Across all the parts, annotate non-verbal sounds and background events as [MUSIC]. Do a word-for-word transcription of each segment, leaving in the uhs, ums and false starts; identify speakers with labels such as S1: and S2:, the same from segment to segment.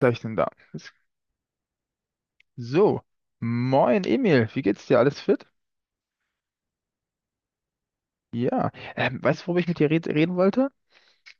S1: Gleich denn da. So, moin Emil, wie geht's dir? Alles fit? Ja, ähm, weißt du, worüber ich mit dir red reden wollte?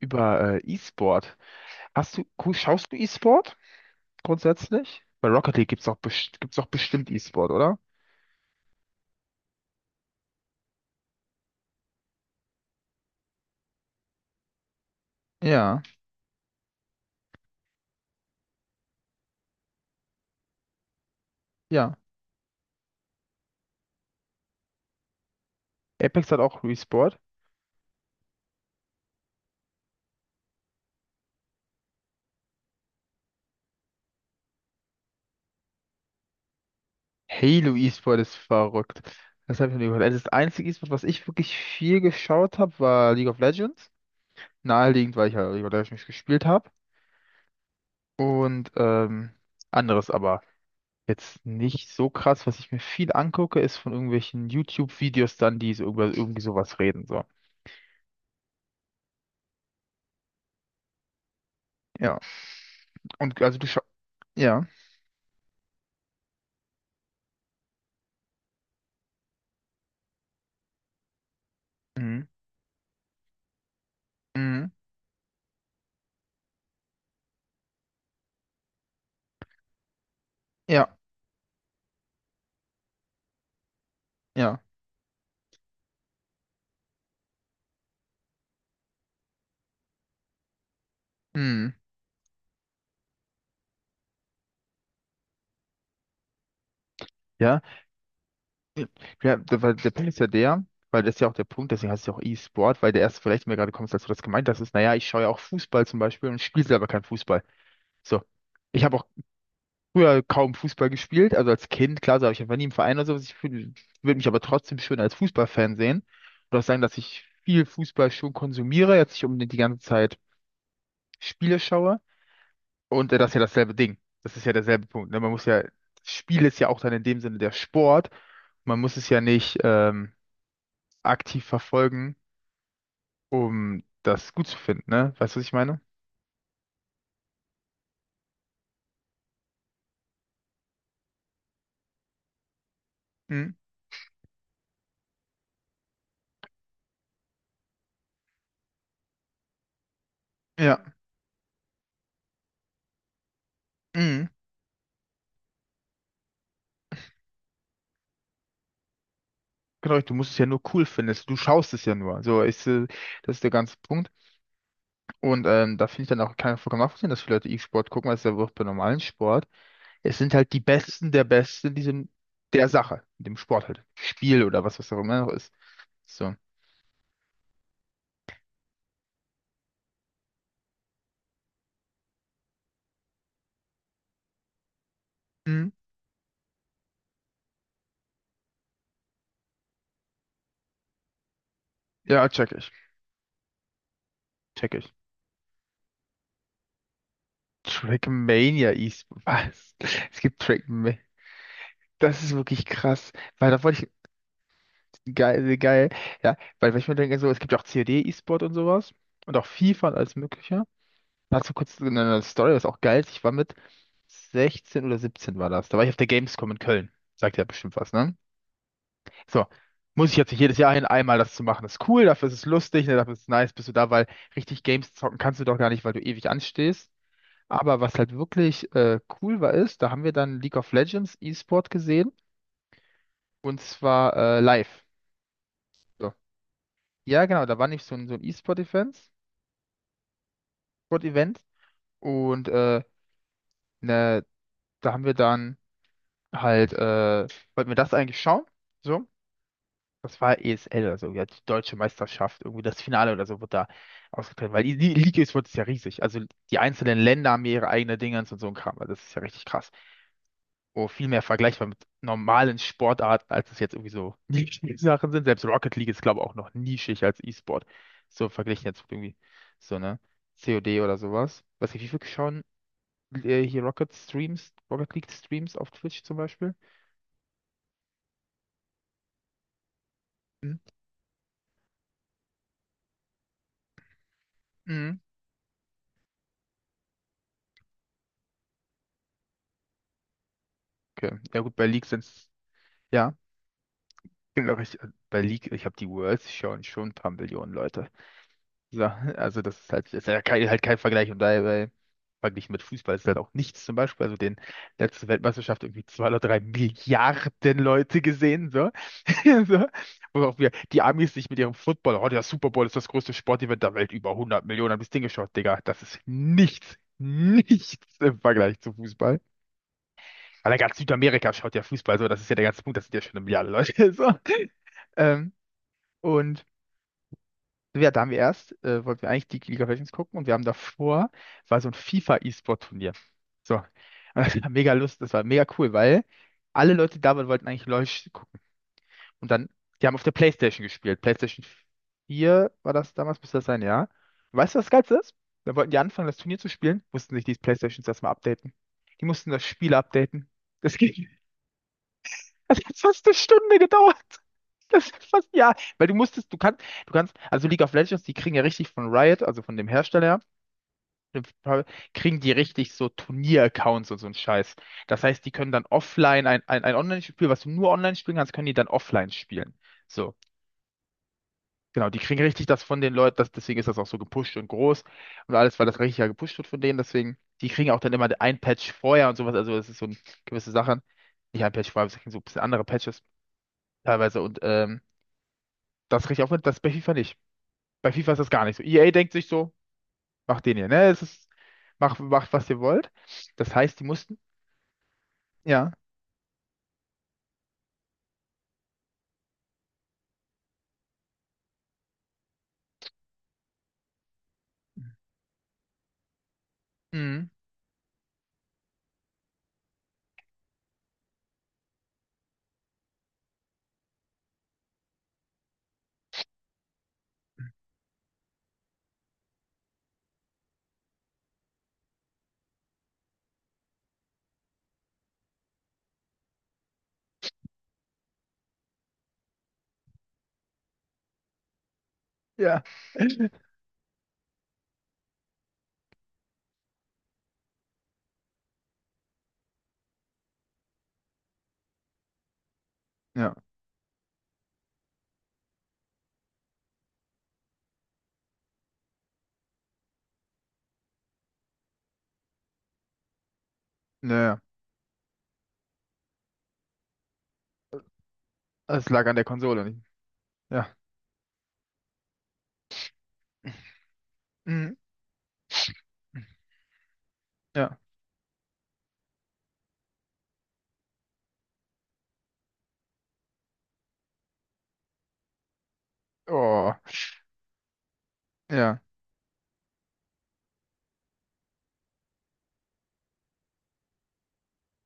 S1: Über äh, E-Sport. Hast du, gu- schaust du E-Sport grundsätzlich? Bei Rocket League gibt's auch, best gibt's auch bestimmt E-Sport, oder? Ja, ja. Apex hat auch E-Sport. Halo E-Sport ist verrückt. Das habe ich noch nie gehört. Also das einzige E-Sport, was ich wirklich viel geschaut habe, war League of Legends. Naheliegend, weil ich ja League of Legends gespielt habe. Und ähm, anderes aber. Jetzt nicht so krass, was ich mir viel angucke, ist von irgendwelchen YouTube-Videos dann, die so über irgendwie sowas reden, so. Ja. Und also du schaust, ja. Mhm. Mhm. Ja, ja. Mhm. Ja. Ja, da- weil der Punkt ist ja der, weil das ist ja auch der Punkt, deswegen heißt es ja auch E-Sport, weil der erste vielleicht, mir gerade kommt, als du das gemeint hast, ist, naja, ich schaue ja auch Fußball zum Beispiel und spiele selber kein Fußball. So. Ich habe auch früher kaum Fußball gespielt, also als Kind, klar, so, habe ich einfach nie im Verein oder sowas. Ich würde mich aber trotzdem schön als Fußballfan sehen oder auch sagen, dass ich viel Fußball schon konsumiere, jetzt nicht unbedingt die ganze Zeit Spiele schaue. Und äh, das ist ja dasselbe Ding. Das ist ja derselbe Punkt. Ne? Man muss ja, Spiel ist ja auch dann in dem Sinne der Sport. Man muss es ja nicht ähm, aktiv verfolgen, um das gut zu finden, ne? Weißt du, was ich meine? Mhm. Ja. Mhm. Genau, du musst es ja nur cool finden. Du schaust es ja nur. So ist, äh, das ist der ganze Punkt. Und ähm, da finde ich dann auch keinen vollkommen nachvollziehen, dass viele Leute E-Sport gucken, weil es ja wirklich bei normalen Sport. Es sind halt die Besten der Besten in diesem, der Sache, in dem Sport halt. Spiel oder was, was auch immer noch ist. So. Hm. Ja, check ich. Check ich. Trackmania E-Sport. Was? Es gibt Trackmania. Das ist wirklich krass. Weil da wollte ich. Geil, geil. Ja, weil, weil ich mir denke, so, es gibt ja auch C O D E-Sport und sowas. Und auch FIFA und alles Mögliche. Dazu kurz eine Story, was auch geil ist. Ich war mit sechzehn oder siebzehn war das. Da war ich auf der Gamescom in Köln. Sagt ja bestimmt was, ne? So. Muss ich jetzt nicht jedes Jahr hin, einmal das zu machen. Ist cool, dafür ist es lustig, ne, dafür ist es nice, bist du da, weil richtig Games zocken kannst du doch gar nicht, weil du ewig anstehst. Aber was halt wirklich äh, cool war, ist, da haben wir dann League of Legends E-Sport gesehen und zwar äh, live. So. Ja, genau, da war nicht so ein, so ein E-Sport-Event. Sport-Event. Und äh, ne, da haben wir dann. Halt, äh, wollten wir das eigentlich schauen? So, das war E S L oder so, ja, die deutsche Meisterschaft, irgendwie das Finale oder so wird da ausgetragen, weil die, die Liga ist, wird ist ja riesig. Also die einzelnen Länder haben ihre eigenen Dingens und so ein Kram, also das ist ja richtig krass. Wo viel mehr vergleichbar mit normalen Sportarten, als es jetzt irgendwie so Nischensachen sind. Selbst Rocket League ist, glaube ich, auch noch nischig als E-Sport. So verglichen jetzt mit irgendwie so, ne? C O D oder sowas. Weiß nicht, wie viel schauen äh, hier Rocket Streams, Rocket League Streams auf Twitch zum Beispiel? Mhm. Mhm. Okay. Ja gut, bei League sind's, ja, genau richtig. Bei League, ich habe die Worlds schauen schon ein paar Millionen Leute. So, [LAUGHS] also das ist halt, das ist ja kein, halt kein Vergleich und dabei verglichen mit Fußball ist halt auch nichts zum Beispiel. Also den letzte Weltmeisterschaft irgendwie zwei oder drei Milliarden Leute gesehen, so. [LAUGHS] so. Wo auch wir, die Amis sich mit ihrem Football, oh, der Super Bowl ist das größte Sportevent der Welt, über hundert Millionen haben das Ding geschaut, Digga. Das ist nichts, [LAUGHS] nichts im Vergleich zu Fußball. Aber ganz Südamerika schaut ja Fußball so, das ist ja der ganze Punkt, das sind ja schon eine Milliarde Leute. [LAUGHS] So. Ähm, und ja, da haben wir erst, äh, wollten wir eigentlich die League of Legends gucken und wir haben davor, war so ein FIFA-E-Sport-Turnier. So. [LAUGHS] Und das war mega Lust, das war mega cool, weil alle Leute da waren, wollten eigentlich LOL gucken. Und dann, die haben auf der PlayStation gespielt. PlayStation vier war das damals, müsste das sein, ja. Weißt du, was das Geilste ist? Dann wollten die anfangen, das Turnier zu spielen, mussten sich die PlayStations erstmal updaten. Die mussten das Spiel updaten. Das ging. Das hat fast eine Stunde gedauert. Das ist fast, ja, weil du musstest, du kannst, du kannst, also League of Legends, die kriegen ja richtig von Riot, also von dem Hersteller, dem Private- kriegen die richtig so Turnier-Accounts und so ein Scheiß. Das heißt, die können dann offline ein, ein, ein Online-Spiel, was du nur online spielen kannst, können die dann offline spielen. So, genau, die kriegen richtig das von den Leuten, das, deswegen ist das auch so gepusht und groß und alles, weil das richtig ja gepusht wird von denen, deswegen, die kriegen auch dann immer ein Patch vorher und sowas, also das ist so eine gewisse Sache. Nicht ein Patch vorher, das kriegen so ein bisschen andere Patches teilweise und ähm, Das kriege ich auch mit, das bei FIFA nicht. Bei FIFA ist das gar nicht so. E A denkt sich so, macht den hier, ne? Es ist, mach, macht, was ihr wollt. Das heißt, die mussten. Ja. Mhm. Ja. Ja. Naja. Es lag an der Konsole nicht. Ja. Mhm. Ja. Oh. Ja.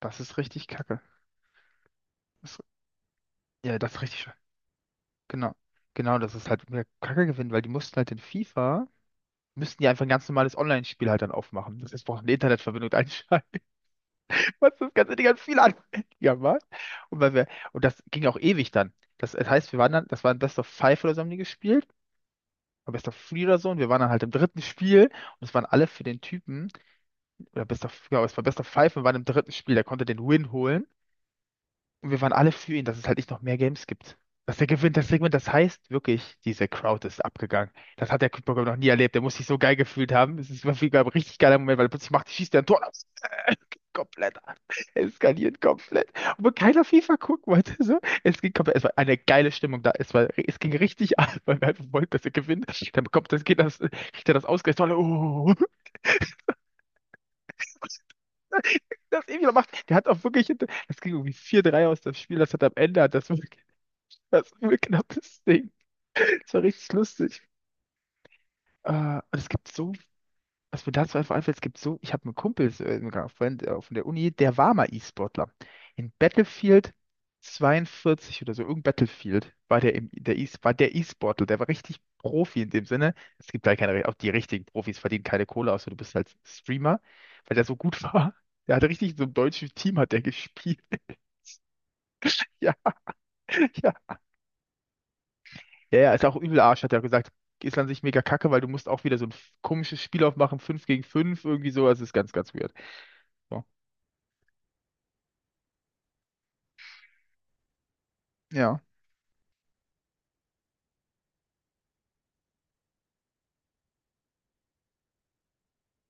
S1: Das ist richtig kacke. Das, ja, das ist richtig schön. Genau. Genau, das ist halt mehr Kacke gewinnen, weil die mussten halt in FIFA, müssten die einfach ein ganz normales Online-Spiel halt dann aufmachen. Das ist braucht eine Internetverbindung [LAUGHS] einschalten. Was das ganze Ding hat viel anfälliger war. [LAUGHS] Und, weil wir, und das ging auch ewig dann. Das, das heißt, wir waren dann, das war ein Best of Five oder so haben die gespielt. Oder Best of Three oder so. Und wir waren dann halt im dritten Spiel. Und es waren alle für den Typen. Oder Best of, ja, es war Best of Five und wir waren im dritten Spiel. Der konnte den Win holen. Und wir waren alle für ihn, dass es halt nicht noch mehr Games gibt. Dass der gewinnt, das Segment, das heißt wirklich, diese Crowd ist abgegangen. Das hat der Kickboxer noch nie erlebt. Der muss sich so geil gefühlt haben. Es ist wirklich ein richtig geiler Moment, weil er plötzlich macht, schießt der ein Tor [LAUGHS] aus. Äh, Komplett ab. Eskaliert komplett. Obwohl keiner FIFA gucken wollte. So. Es ging komplett, es war eine geile Stimmung da. Es war, es ging richtig ab, weil wir einfach wollten, dass er gewinnt. Dann bekommt das, geht das, kriegt er das ausgerechnet. Alle, Oh, [LAUGHS] das eh wieder macht. Der hat auch wirklich, das ging irgendwie vier drei aus das Spiel. Das hat am Ende, hat das wirklich. Das ist ein knappes Ding. Das war richtig lustig. Äh, es gibt so, was mir dazu einfach einfällt, es gibt so, ich habe einen Kumpel so, äh, sogar von, äh, von der Uni, der war mal E-Sportler. In Battlefield zweiundvierzig oder so, irgendein Battlefield war der, im, der E, war der E-Sportler, der war richtig Profi in dem Sinne. Es gibt da keine, auch die richtigen Profis verdienen keine Kohle, außer du bist halt Streamer, weil der so gut [LAUGHS] war. Der hatte richtig so im deutschen Team hat der gespielt. [LAUGHS] Ja, ja. Ja, ja, ist auch übel Arsch, hat er gesagt. Ist an sich mega kacke, weil du musst auch wieder so ein f- komisches Spiel aufmachen, fünf gegen fünf irgendwie so. Also ist ganz, ganz weird. So. Ja.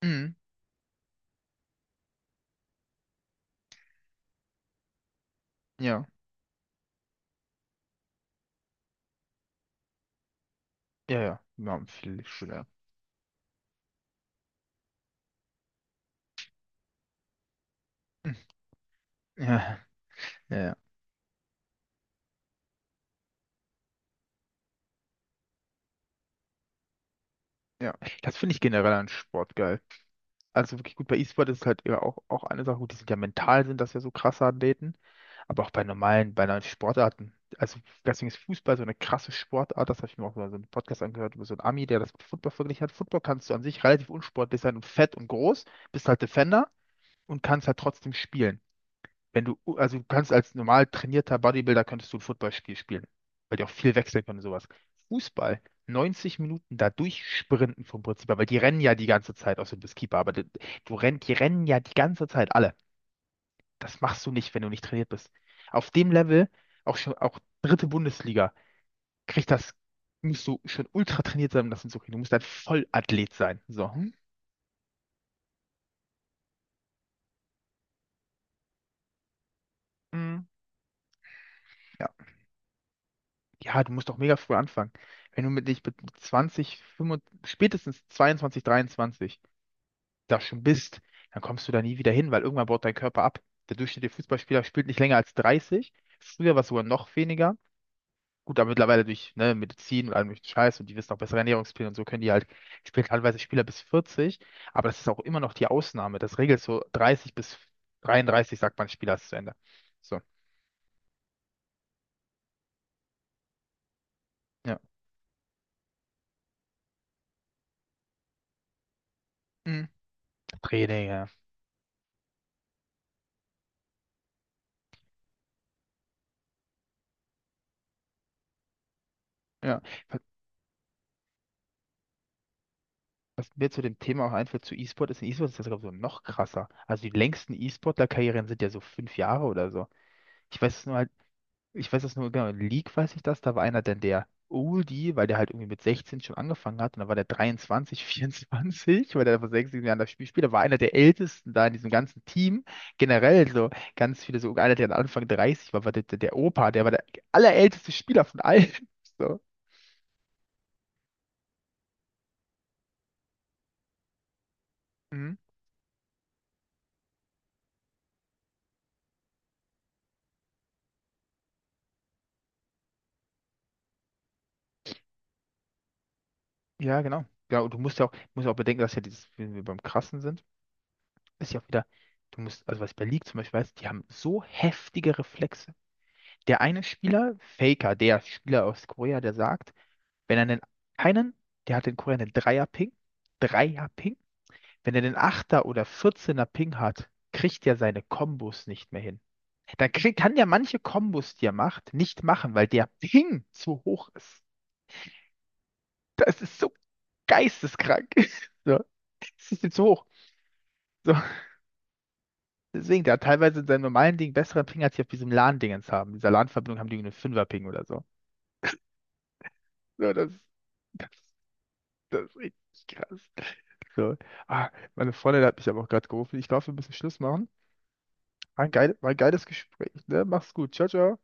S1: Mhm. Ja. Ja, ja. Ja, viel schöner. [LAUGHS] Mhm. Ja. Ja, ja. Ja. Das finde ich generell an Sport geil. Also wirklich gut, bei E-Sport ist halt ja auch, auch eine Sache, gut, die sind ja mental, sind das ja so krasse Athleten, aber auch bei normalen, bei normalen Sportarten. Also deswegen ist Fußball so eine krasse Sportart, das habe ich mir auch mal so einen Podcast angehört über so einen Ami, der das mit Football verglichen hat. Football kannst du an sich relativ unsportlich sein und fett und groß, bist halt Defender und kannst halt trotzdem spielen wenn du, also du kannst als normal trainierter Bodybuilder könntest du ein Footballspiel spielen, weil die auch viel wechseln können und sowas. Fußball, neunzig Minuten da durchsprinten vom Prinzip her, weil die rennen ja die ganze Zeit, außer du bist Keeper, aber du, du rennt, die rennen ja die ganze Zeit alle. Das machst du nicht, wenn du nicht trainiert bist. Auf dem Level, auch schon, auch dritte Bundesliga, kriegt das, musst du schon ultra trainiert sein, um das hinzukriegen. Du musst ein Vollathlet sein. So. Hm? Mhm. Ja, du musst doch mega früh anfangen. Wenn du mit dich mit zwanzig, fünfundzwanzig, spätestens zweiundzwanzig, dreiundzwanzig da schon bist, dann kommst du da nie wieder hin, weil irgendwann baut dein Körper ab. Der durchschnittliche Fußballspieler spielt nicht länger als dreißig. Früher war es sogar noch weniger. Gut, aber mittlerweile durch ne, Medizin und allem möglichen Scheiß und die wissen auch bessere Ernährungspläne und so können die halt, spielen teilweise Spieler bis vierzig, aber das ist auch immer noch die Ausnahme. Das regelt so dreißig bis dreiunddreißig, sagt man, Spieler ist zu Ende. So, ja. Mhm. Training, ja. Ja. Was mir zu dem Thema auch einfällt, zu E-Sport ist, in E-Sport ist das, glaube ich, sogar noch krasser. Also die längsten E-Sportler-Karrieren sind ja so fünf Jahre oder so. Ich weiß es nur halt, ich weiß es nur, genau, in League weiß ich das, da war einer dann der Oldie, weil der halt irgendwie mit sechzehn schon angefangen hat und dann war der dreiundzwanzig, vierundzwanzig, [LAUGHS] weil der vor sechs, sieben Jahren das Spiel spielt, da war einer der Ältesten da in diesem ganzen Team. Generell so ganz viele, so einer, der am Anfang dreißig war, war der, der der Opa, der war der allerälteste Spieler von allen. [LAUGHS] So. Mhm. Ja, genau. Ja, und du musst ja auch, musst ja auch bedenken, dass ja dieses, wenn wir beim Krassen sind, ist ja auch wieder, du musst, also was ich bei League zum Beispiel weiß, die haben so heftige Reflexe. Der eine Spieler, Faker, der Spieler aus Korea, der sagt, wenn er einen, einen, der hat in Korea einen Dreier-Ping, Dreier-Ping, wenn er den Achter oder vierzehner Ping hat, kriegt er seine Kombos nicht mehr hin. Dann krieg, kann der manche Kombos, die er macht, nicht machen, weil der Ping zu hoch ist. Das ist so geisteskrank. [LAUGHS] So, es ist ihm zu hoch. So. Deswegen, der hat teilweise in seinem normalen Ding besseren Ping, als sie auf diesem LAN-Dingens haben. Dieser LAN-Verbindung haben die irgendwie einen Fünfer-Ping oder so. So, das, das, das ist richtig krass. So. Ah, meine Freundin hat mich aber auch gerade gerufen. Ich glaube, wir müssen Schluss machen. War ein geil, war ein geiles Gespräch, ne? Mach's gut. Ciao, ciao.